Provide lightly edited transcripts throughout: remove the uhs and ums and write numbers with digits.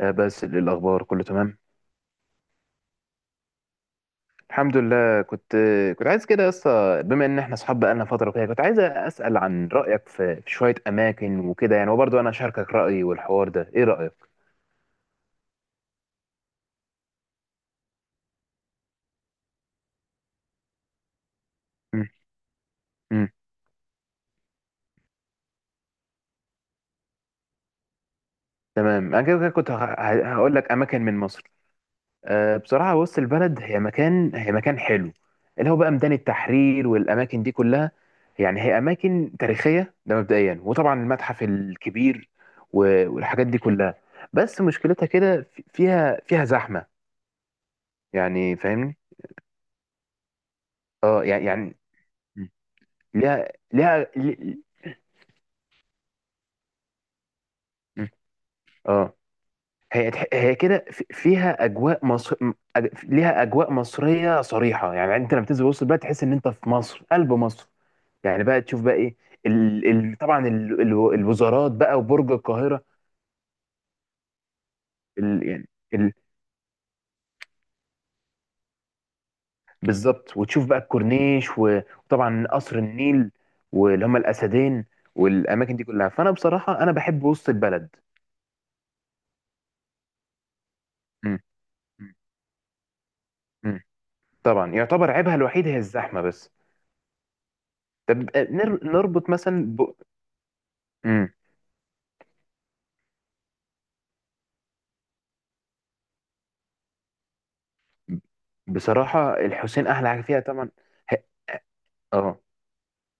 آه، بس إيه الاخبار؟ كله تمام. الحمد لله. كنت عايز كده يا اسطى، بما ان احنا اصحاب بقالنا فتره وكده، كنت عايز اسال عن رايك في شويه اماكن وكده يعني، وبرضه انا اشاركك رايي والحوار ده. ايه رايك؟ امم. تمام. انا كده كده كنت هقول لك اماكن من مصر. بصراحة وسط البلد هي مكان حلو، اللي هو بقى ميدان التحرير والأماكن دي كلها. يعني هي أماكن تاريخية، ده مبدئيا، وطبعا المتحف الكبير والحاجات دي كلها. بس مشكلتها كده فيها زحمة. يعني فاهمني؟ اه، يعني. م. ليها ليها. م. اه. هي كده فيها أجواء مصر. ليها أجواء مصرية صريحة، يعني أنت لما تنزل وسط البلد تحس إن أنت في مصر، قلب مصر. يعني بقى تشوف بقى ايه. طبعا الوزارات بقى وبرج القاهره. يعني ال... بالظبط. وتشوف بقى الكورنيش، وطبعا قصر النيل واللي هم الاسدين والاماكن دي كلها. فانا بصراحه انا بحب وسط البلد. مم. مم. مم. طبعا يعتبر عيبها الوحيد هي الزحمه بس. طب نربط مثلا. مم. بصراحه الحسين احلى حاجه فيها طبعا. ه- اه.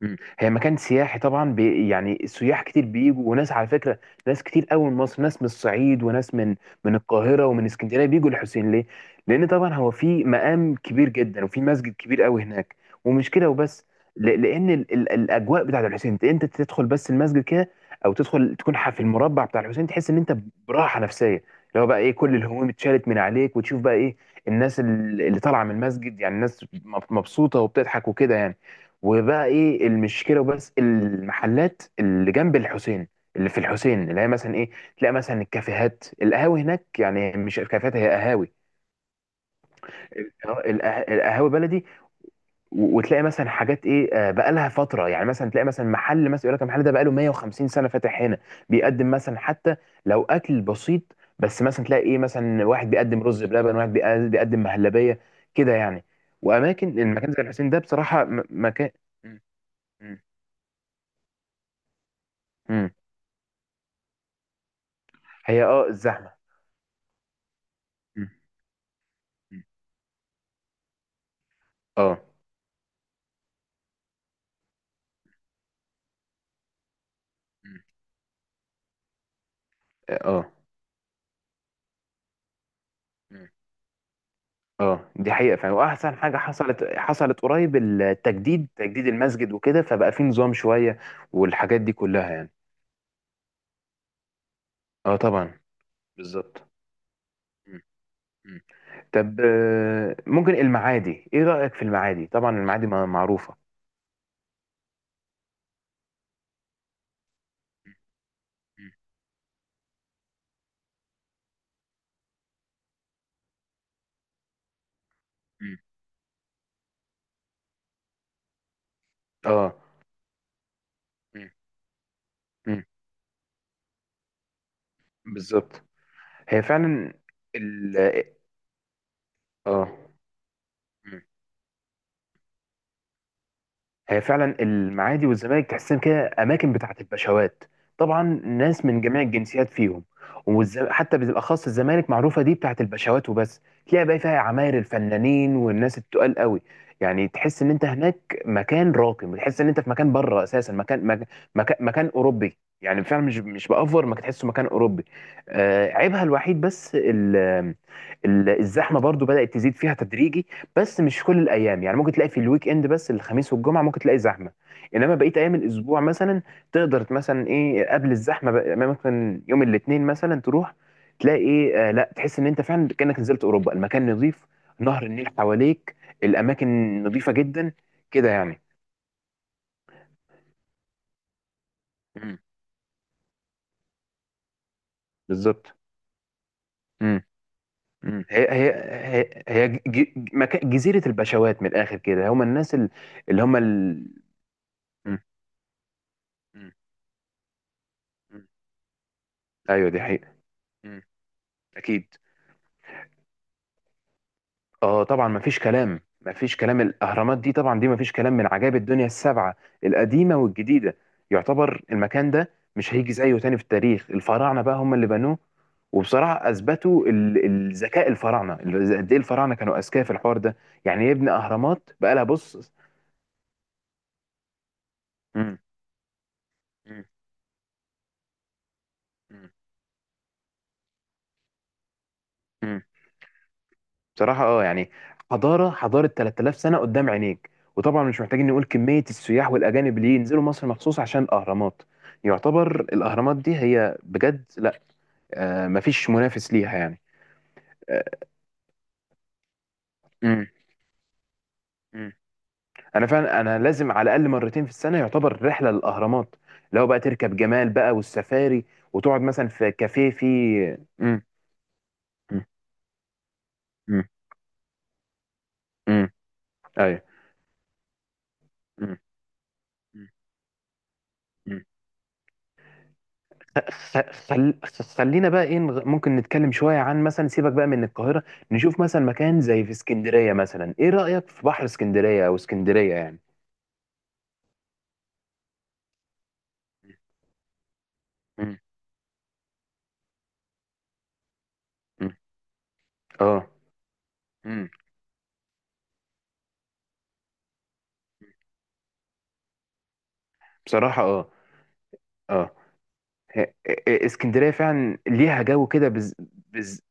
مم. هي مكان سياحي طبعا، بي يعني السياح كتير بيجوا، وناس على فكره. ناس كتير قوي من مصر، ناس من الصعيد وناس من من القاهره ومن اسكندريه بيجوا الحسين. ليه؟ لان طبعا هو في مقام كبير جدا وفي مسجد كبير قوي هناك. ومش كده وبس. لان ال الاجواء بتاعت الحسين، أنت تدخل بس المسجد كده، او تدخل تكون في المربع بتاع الحسين، تحس ان انت براحه نفسيه، اللي هو بقى ايه، كل الهموم اتشالت من عليك. وتشوف بقى ايه الناس اللي طالعه من المسجد، يعني الناس مبسوطه وبتضحك وكده يعني. وبقى ايه المشكله وبس؟ المحلات اللي جنب الحسين، اللي في الحسين، اللي هي مثلا ايه، تلاقي مثلا الكافيهات القهاوي هناك. يعني مش كافيهات، هي قهاوي. القهاوي بلدي. وتلاقي مثلا حاجات ايه بقالها فتره. يعني مثلا تلاقي مثلا محل مثلا يقول لك المحل ده بقاله 150 سنه فاتح هنا، بيقدم مثلا حتى لو اكل بسيط. بس مثلا تلاقي ايه، مثلا واحد بيقدم رز بلبن، واحد بيقدم مهلبيه، كده يعني. واماكن المكان زي الحسين ده بصراحه مكان. مم. مم. هي اه الزحمه. مم. مم. اه. مم. اه. مم. اه، دي حقيقه فعلا. واحسن حاجه حصلت قريب، تجديد المسجد وكده، فبقى فيه نظام شويه والحاجات دي كلها يعني. اه طبعا. بالظبط. مم. مم. طب ممكن المعادي. ايه رايك في المعادي؟ طبعا المعادي معروفه. مم. مم. اه. مم. مم. بالظبط. هي فعلا ال اه. مم. هي فعلا المعادي والزمالك تحسهم كده اماكن بتاعت البشوات، طبعا ناس من جميع الجنسيات فيهم. حتى بالاخص الزمالك معروفه دي بتاعت البشوات وبس. تلاقي بقى فيها عماير الفنانين والناس التقال قوي، يعني تحس ان انت هناك مكان راقي، تحس ان انت في مكان بره اساسا، مكان، مكان اوروبي. يعني فعلا مش بافور ما تحسه مكان اوروبي. عيبها الوحيد بس، الزحمه برضو بدات تزيد فيها تدريجي، بس مش كل الايام. يعني ممكن تلاقي في الويك اند بس، الخميس والجمعه ممكن تلاقي زحمه. انما بقيه ايام الاسبوع مثلا تقدر مثلا ايه قبل الزحمه بقى. يعني ممكن يوم الاثنين مثلا تروح، تلاقي ايه، لا تحس ان انت فعلا كانك نزلت اوروبا. المكان نظيف، نهر النيل حواليك، الاماكن نظيفه جدا كده يعني. امم. بالظبط. امم. امم. هي. جزيره البشوات من الاخر كده، هم الناس اللي هم. مم. مم. مم. ايوه دي حقيقه. مم. اكيد. اه طبعا، مفيش كلام مفيش كلام، الاهرامات دي طبعا دي مفيش كلام، من عجائب الدنيا السبعه، القديمه والجديده. يعتبر المكان ده مش هيجي زيه تاني في التاريخ. الفراعنه بقى هم اللي بنوه. وبصراحه اثبتوا الذكاء الفراعنه، قد ايه الفراعنه كانوا اذكياء في الحوار ده. يعني يبني اهرامات بقى لها بص. مم. مم. مم. بصراحة اه يعني، حضارة 3000 سنة قدام عينيك. وطبعا مش محتاجين نقول كمية السياح والأجانب اللي ينزلوا مصر مخصوص عشان الأهرامات. يعتبر الأهرامات دي هي بجد لا، آه مفيش منافس ليها يعني. آه. مم، مم. أنا فعلا أنا لازم على الأقل مرتين في السنة يعتبر رحلة للأهرامات، لو بقى تركب جمال بقى والسفاري، وتقعد مثلا في كافيه فيه. مم، مم، مم، مم. أيوه. مم، مم، خلينا بقى ايه ممكن نتكلم شوية عن مثلا. سيبك بقى من القاهرة، نشوف مثلا مكان زي في اسكندرية مثلا. ايه رأيك في بحر اسكندرية او اسكندرية يعني؟ مم. مم. اه. مم. بصراحة اه ه- ه- اسكندرية فعلا ليها جو كده، بز...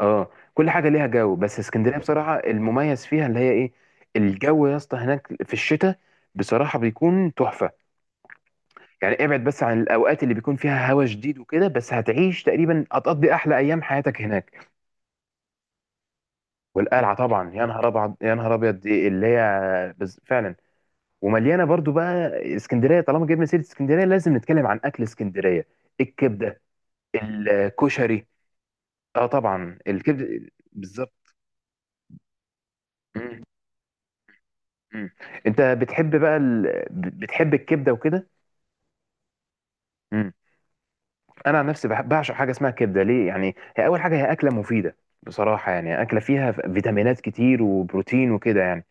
اه. كل حاجة ليها جو، بس اسكندرية بصراحة المميز فيها اللي هي ايه، الجو يا اسطى هناك في الشتاء بصراحة بيكون تحفة. يعني ابعد بس عن الاوقات اللي بيكون فيها هوا شديد وكده، بس تقريبا هتقضي احلى ايام حياتك هناك. والقلعه طبعا، يا نهار ابيض يا نهار ابيض، دي اللي هي فعلا، ومليانه برضو بقى. اسكندريه طالما جبنا سيره اسكندريه لازم نتكلم عن اكل اسكندريه. الكبده. الكشري. اه طبعا، الكبده بالظبط. مم. مم. انت بتحب بقى بتحب الكبده وكده. إمم. انا عن نفسي بعشق حاجه اسمها كبده. ليه؟ يعني هي اول حاجه، هي اكله مفيده، بصراحه يعني اكله فيها فيتامينات كتير وبروتين وكده يعني.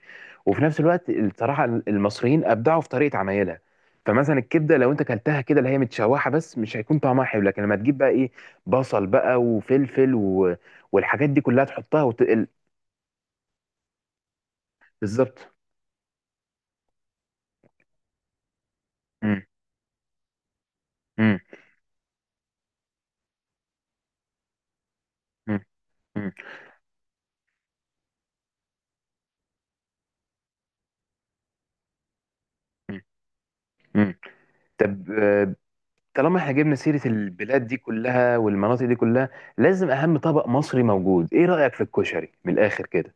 وفي نفس الوقت الصراحه المصريين ابدعوا في طريقه عمايلها. فمثلا الكبده لو انت كلتها كده اللي هي متشوحه بس مش هيكون طعمها حلو، لكن لما تجيب بقى ايه بصل بقى وفلفل والحاجات دي كلها تحطها وتقل. بالظبط. مم. مم. مم. مم. مم. طب طالما احنا جبنا سيرة البلاد دي كلها والمناطق دي كلها، لازم أهم طبق مصري موجود، إيه رأيك في الكشري من الآخر كده؟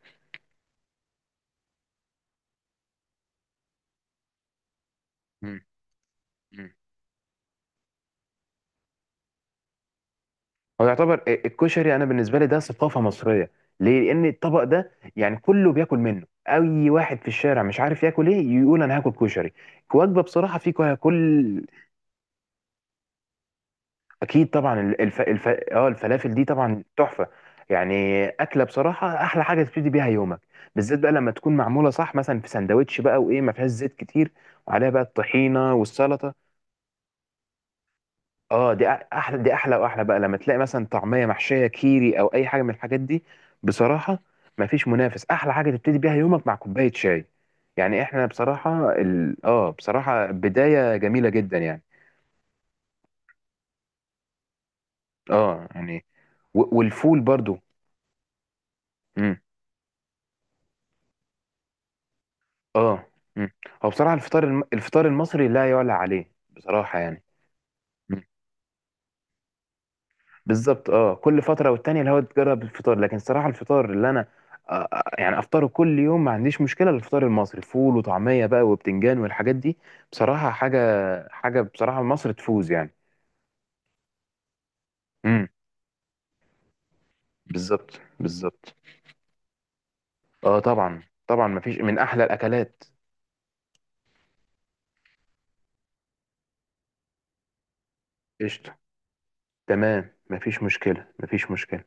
مم. مم. هو يعتبر الكشري، أنا بالنسبة لي ده ثقافة مصرية. ليه؟ لأن الطبق ده يعني كله بياكل منه، أي واحد في الشارع مش عارف ياكل إيه يقول أنا هاكل كشري. وجبة بصراحة في كل. اكيد طبعا الفلافل دي طبعا تحفه. يعني اكله بصراحه احلى حاجه تبتدي بيها يومك، بالذات بقى لما تكون معموله صح، مثلا في سندوتش بقى، وايه، ما فيهاش زيت كتير، وعليها بقى الطحينه والسلطه. اه دي احلى، دي احلى واحلى بقى لما تلاقي مثلا طعميه محشيه كيري او اي حاجه من الحاجات دي. بصراحه ما فيش منافس، احلى حاجه تبتدي بيها يومك مع كوبايه شاي. يعني احنا بصراحه ال... اه بصراحه بدايه جميله جدا يعني. اه يعني، والفول برضو. مم. اه. مم. هو بصراحة الفطار المصري لا يعلى عليه، بصراحة يعني. مم. بالظبط. اه كل فترة والتانية اللي هو تجرب الفطار، لكن صراحة الفطار اللي انا يعني افطره كل يوم ما عنديش مشكلة، الفطار المصري فول وطعمية بقى وبتنجان والحاجات دي، بصراحة حاجة، حاجة بصراحة مصر تفوز يعني. امم. بالظبط بالظبط. اه طبعا طبعا، مفيش من احلى الاكلات. قشطة. تمام، مفيش مشكلة مفيش مشكلة.